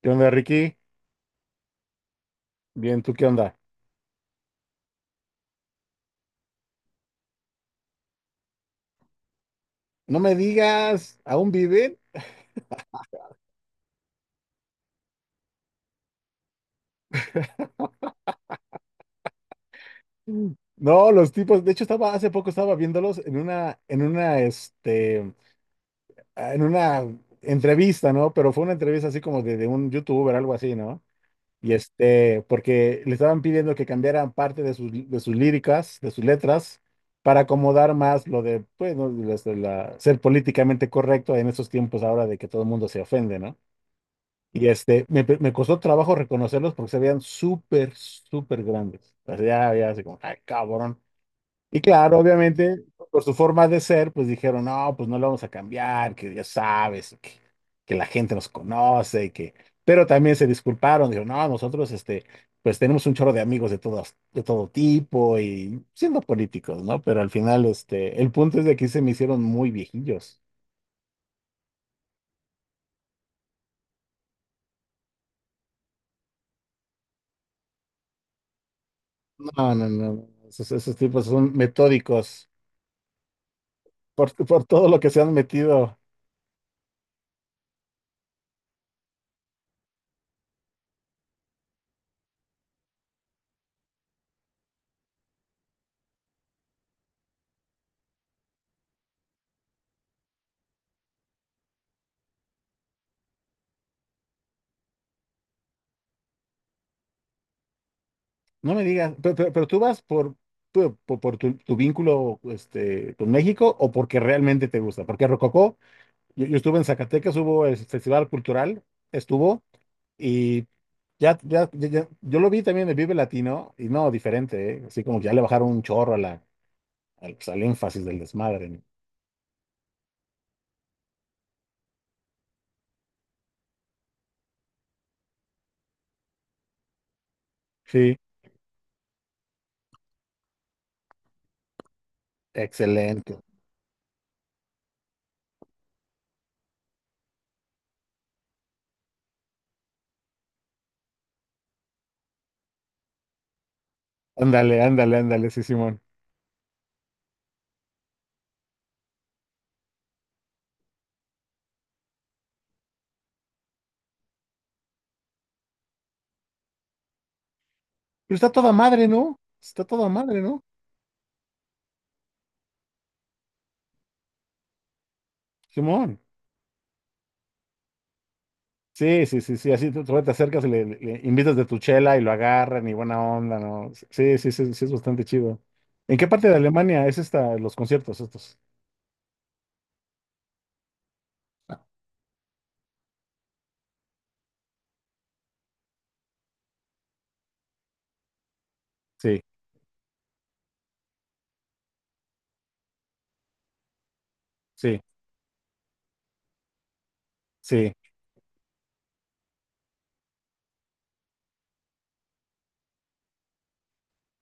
¿Qué onda, Ricky? Bien, ¿tú qué onda? No me digas, ¿aún viven? Mm. No, los tipos, de hecho estaba hace poco estaba viéndolos en una entrevista, ¿no? Pero fue una entrevista así como de un youtuber, algo así, ¿no? Y porque le estaban pidiendo que cambiaran parte de sus líricas, de sus letras para acomodar más lo de pues no, las de ser políticamente correcto en estos tiempos ahora de que todo el mundo se ofende, ¿no? Y me costó trabajo reconocerlos porque se veían súper, súper grandes. O sea, ya, ya, así como, ay, cabrón. Y claro, obviamente, por su forma de ser, pues dijeron, no, pues no lo vamos a cambiar, que ya sabes, que la gente nos conoce, y que. Pero también se disculparon, dijeron, no, nosotros, pues tenemos un chorro de amigos de todo tipo y siendo políticos, ¿no? Pero al final, el punto es de que sí se me hicieron muy viejillos. No, no, no, esos tipos son metódicos. Por todo lo que se han metido. No me digas, pero tú vas por tu vínculo con México o porque realmente te gusta. Porque Rococó, yo estuve en Zacatecas, hubo el Festival Cultural, estuvo, y yo lo vi también en Vive Latino, y no, diferente, ¿eh? Así como que ya le bajaron un chorro a la, al, pues, al énfasis del desmadre, ¿no? Sí, excelente. Ándale, ándale, ándale, sí, Simón. Pero está toda madre, ¿no? Está toda madre, ¿no? Simón. Sí, sí, sí, sí, así te acercas y le invitas de tu chela y lo agarran y buena onda, ¿no? Sí, sí, sí, sí, sí, es bastante chido. ¿En qué parte de Alemania es esta, los conciertos estos? Ah, sí, sí, sí.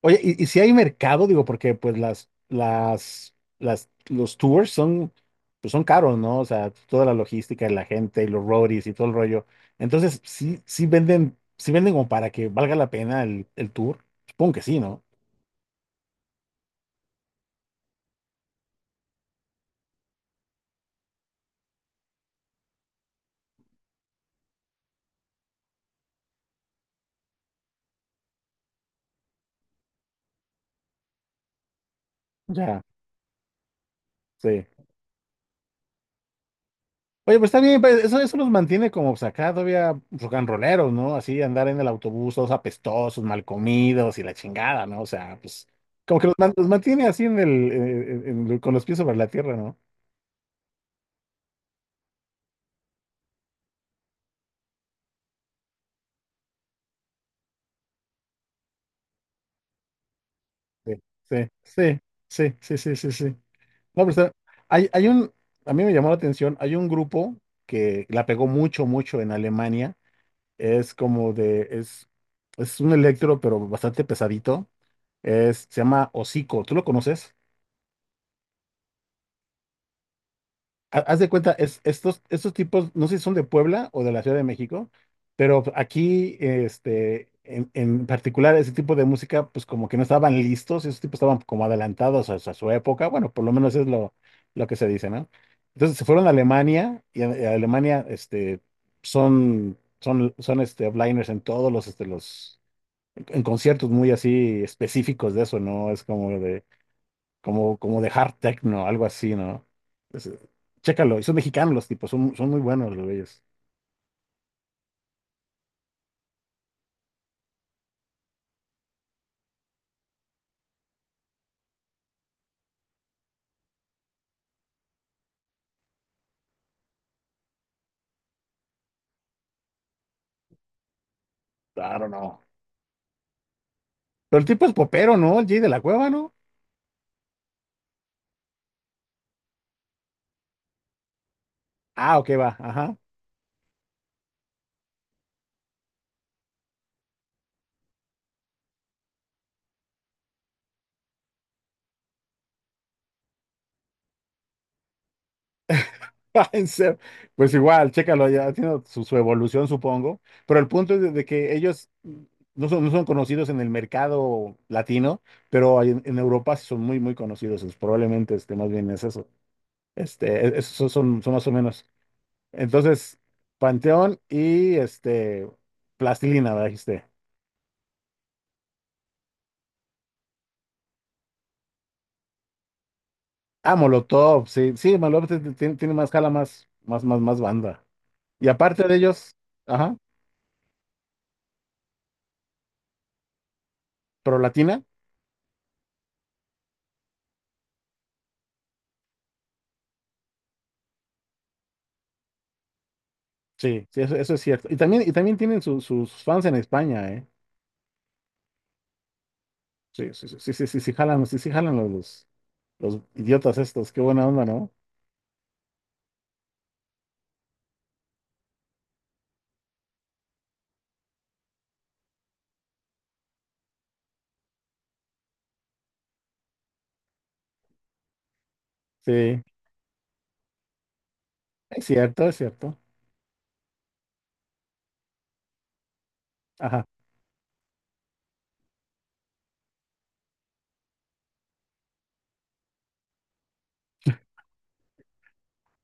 Oye, ¿y si hay mercado? Digo, porque pues los tours son, pues son caros, ¿no? O sea, toda la logística y la gente y los roadies y todo el rollo. Entonces, sí, sí venden como para que valga la pena el tour. Supongo que sí, ¿no? Ya, sí. Oye, pues está bien, pues, eso los mantiene como pues, acá todavía rock and rolleros, ¿no? Así andar en el autobús todos apestosos, mal comidos y la chingada, ¿no? O sea, pues como que los mantiene así en el, en- con los pies sobre la tierra, ¿no? Sí, sí, sí, sí, sí, sí, sí, sí. No, pero hay, hay un, a mí me llamó la atención, hay un grupo que la pegó mucho, mucho en Alemania, es como de, es un electro, pero bastante pesadito, se llama Hocico, ¿tú lo conoces? Haz de cuenta, estos tipos, no sé si son de Puebla o de la Ciudad de México, pero aquí, en particular, ese tipo de música, pues como que no estaban listos, esos tipos estaban como adelantados a su época, bueno, por lo menos es lo que se dice, ¿no? Entonces se fueron a Alemania, y a Alemania, son, blinders en todos los, conciertos muy así específicos de eso, ¿no? Es como de hard techno, algo así, ¿no? Es- eh, Chécalo, y son mexicanos los tipos, son muy buenos los güeyes. Claro, no. Pero el tipo es popero, ¿no? El Jay de la Cueva, ¿no? Ah, ok, va, ajá. En serio. Pues igual, chécalo, ya tiene su evolución, supongo. Pero el punto es de que ellos no son conocidos en el mercado latino, pero en Europa sí son muy, muy conocidos. Es probablemente, más bien es eso. Esos son más o menos. Entonces, Panteón y Plastilina, ¿verdad? Dijiste. Ah, Molotov, sí, sí, Molotov tiene más jala, más, más, más, más banda. Y aparte de ellos, ajá, pro latina, sí, sí, eso es cierto. Y también tienen sus fans en España, ¿eh? Sí, sí, sí, sí, sí, sí, sí jalan los idiotas estos, qué buena onda, ¿no? Sí, es cierto, es cierto. Ajá,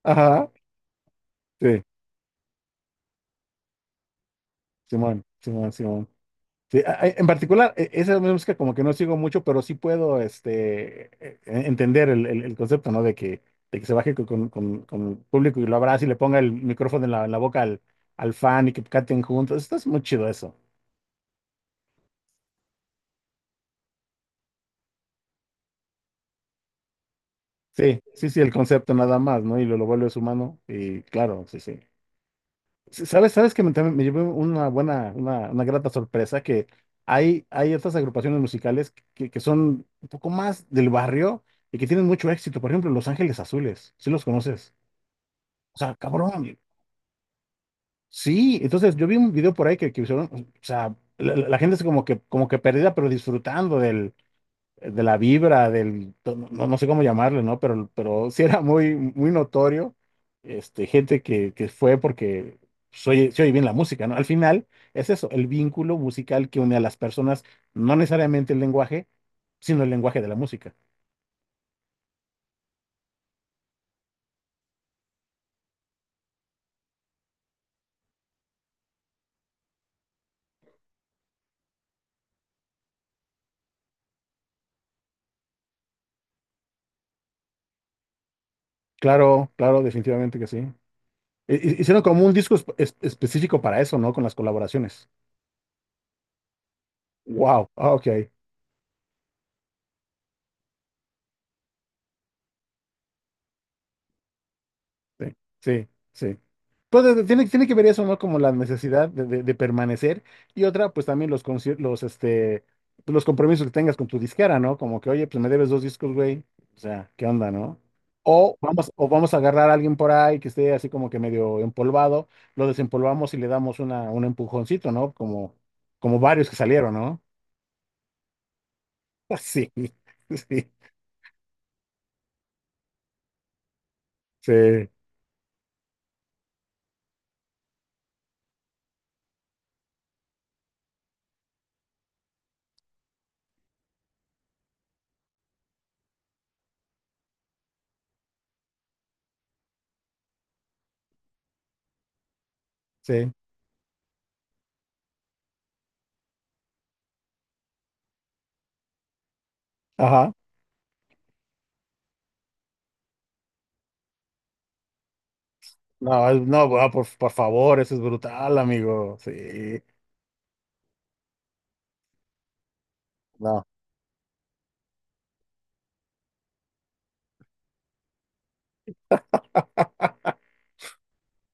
ajá, sí, Simón, Simón, Simón. Sí, en particular, esa música como que no sigo mucho, pero sí puedo entender el concepto, ¿no? De que se baje con el público y lo abrace y le ponga el micrófono en la boca al fan y que canten juntos. Esto es muy chido eso. Sí, sí, sí, el concepto nada más, ¿no? Y lo vuelves humano y claro, sí, sí. ¿Sabes? ¿Sabes que también me llevé una buena, una grata sorpresa? Que hay otras agrupaciones musicales que son un poco más del barrio y que tienen mucho éxito. Por ejemplo, Los Ángeles Azules, ¿sí los conoces? O sea, cabrón. Sí, entonces yo vi un video por ahí que hicieron, o sea, la gente es como que perdida, pero disfrutando del, de la vibra, no, no sé cómo llamarle, ¿no? Pero sí era muy, muy notorio, gente que fue porque se oye bien la música, ¿no? Al final es eso, el vínculo musical que une a las personas, no necesariamente el lenguaje, sino el lenguaje de la música. Claro, claro, definitivamente que sí. Hicieron como un disco específico para eso, ¿no? Con las colaboraciones. Wow, ah, ok. Sí, sí, sí. Pues tiene que ver eso, ¿no? Como la necesidad de permanecer y otra, pues también pues, los compromisos que tengas con tu disquera, ¿no? Como que, oye, pues me debes dos discos, güey. O sea, ¿qué onda, no? O vamos a agarrar a alguien por ahí que esté así como que medio empolvado, lo desempolvamos y le damos un empujoncito, ¿no? Como varios que salieron, ¿no? Sí, sí, sí, sí. Ajá. No, no, ah, por favor, eso es brutal, amigo. Sí. No.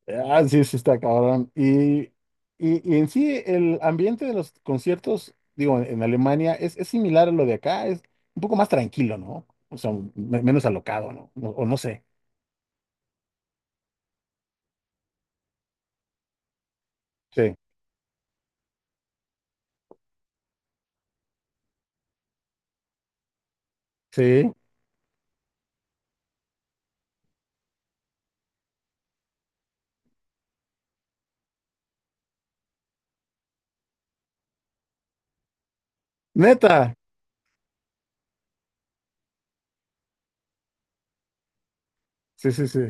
Ah, sí, sí está cabrón. Y en sí, el ambiente de los conciertos, digo, en Alemania es similar a lo de acá, es un poco más tranquilo, ¿no? O sea, menos alocado, ¿no? O no sé. Sí, sí. Neta. Sí, sí, sí.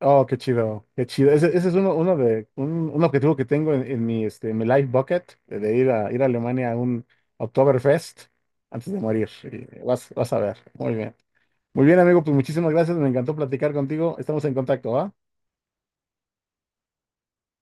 Oh, qué chido, qué chido. Ese es uno de, un objetivo que tengo en mi life bucket, de ir a Alemania a un Oktoberfest antes de morir. Y vas a ver. Muy bien. Muy bien, amigo, pues muchísimas gracias, me encantó platicar contigo. Estamos en contacto, ¿va?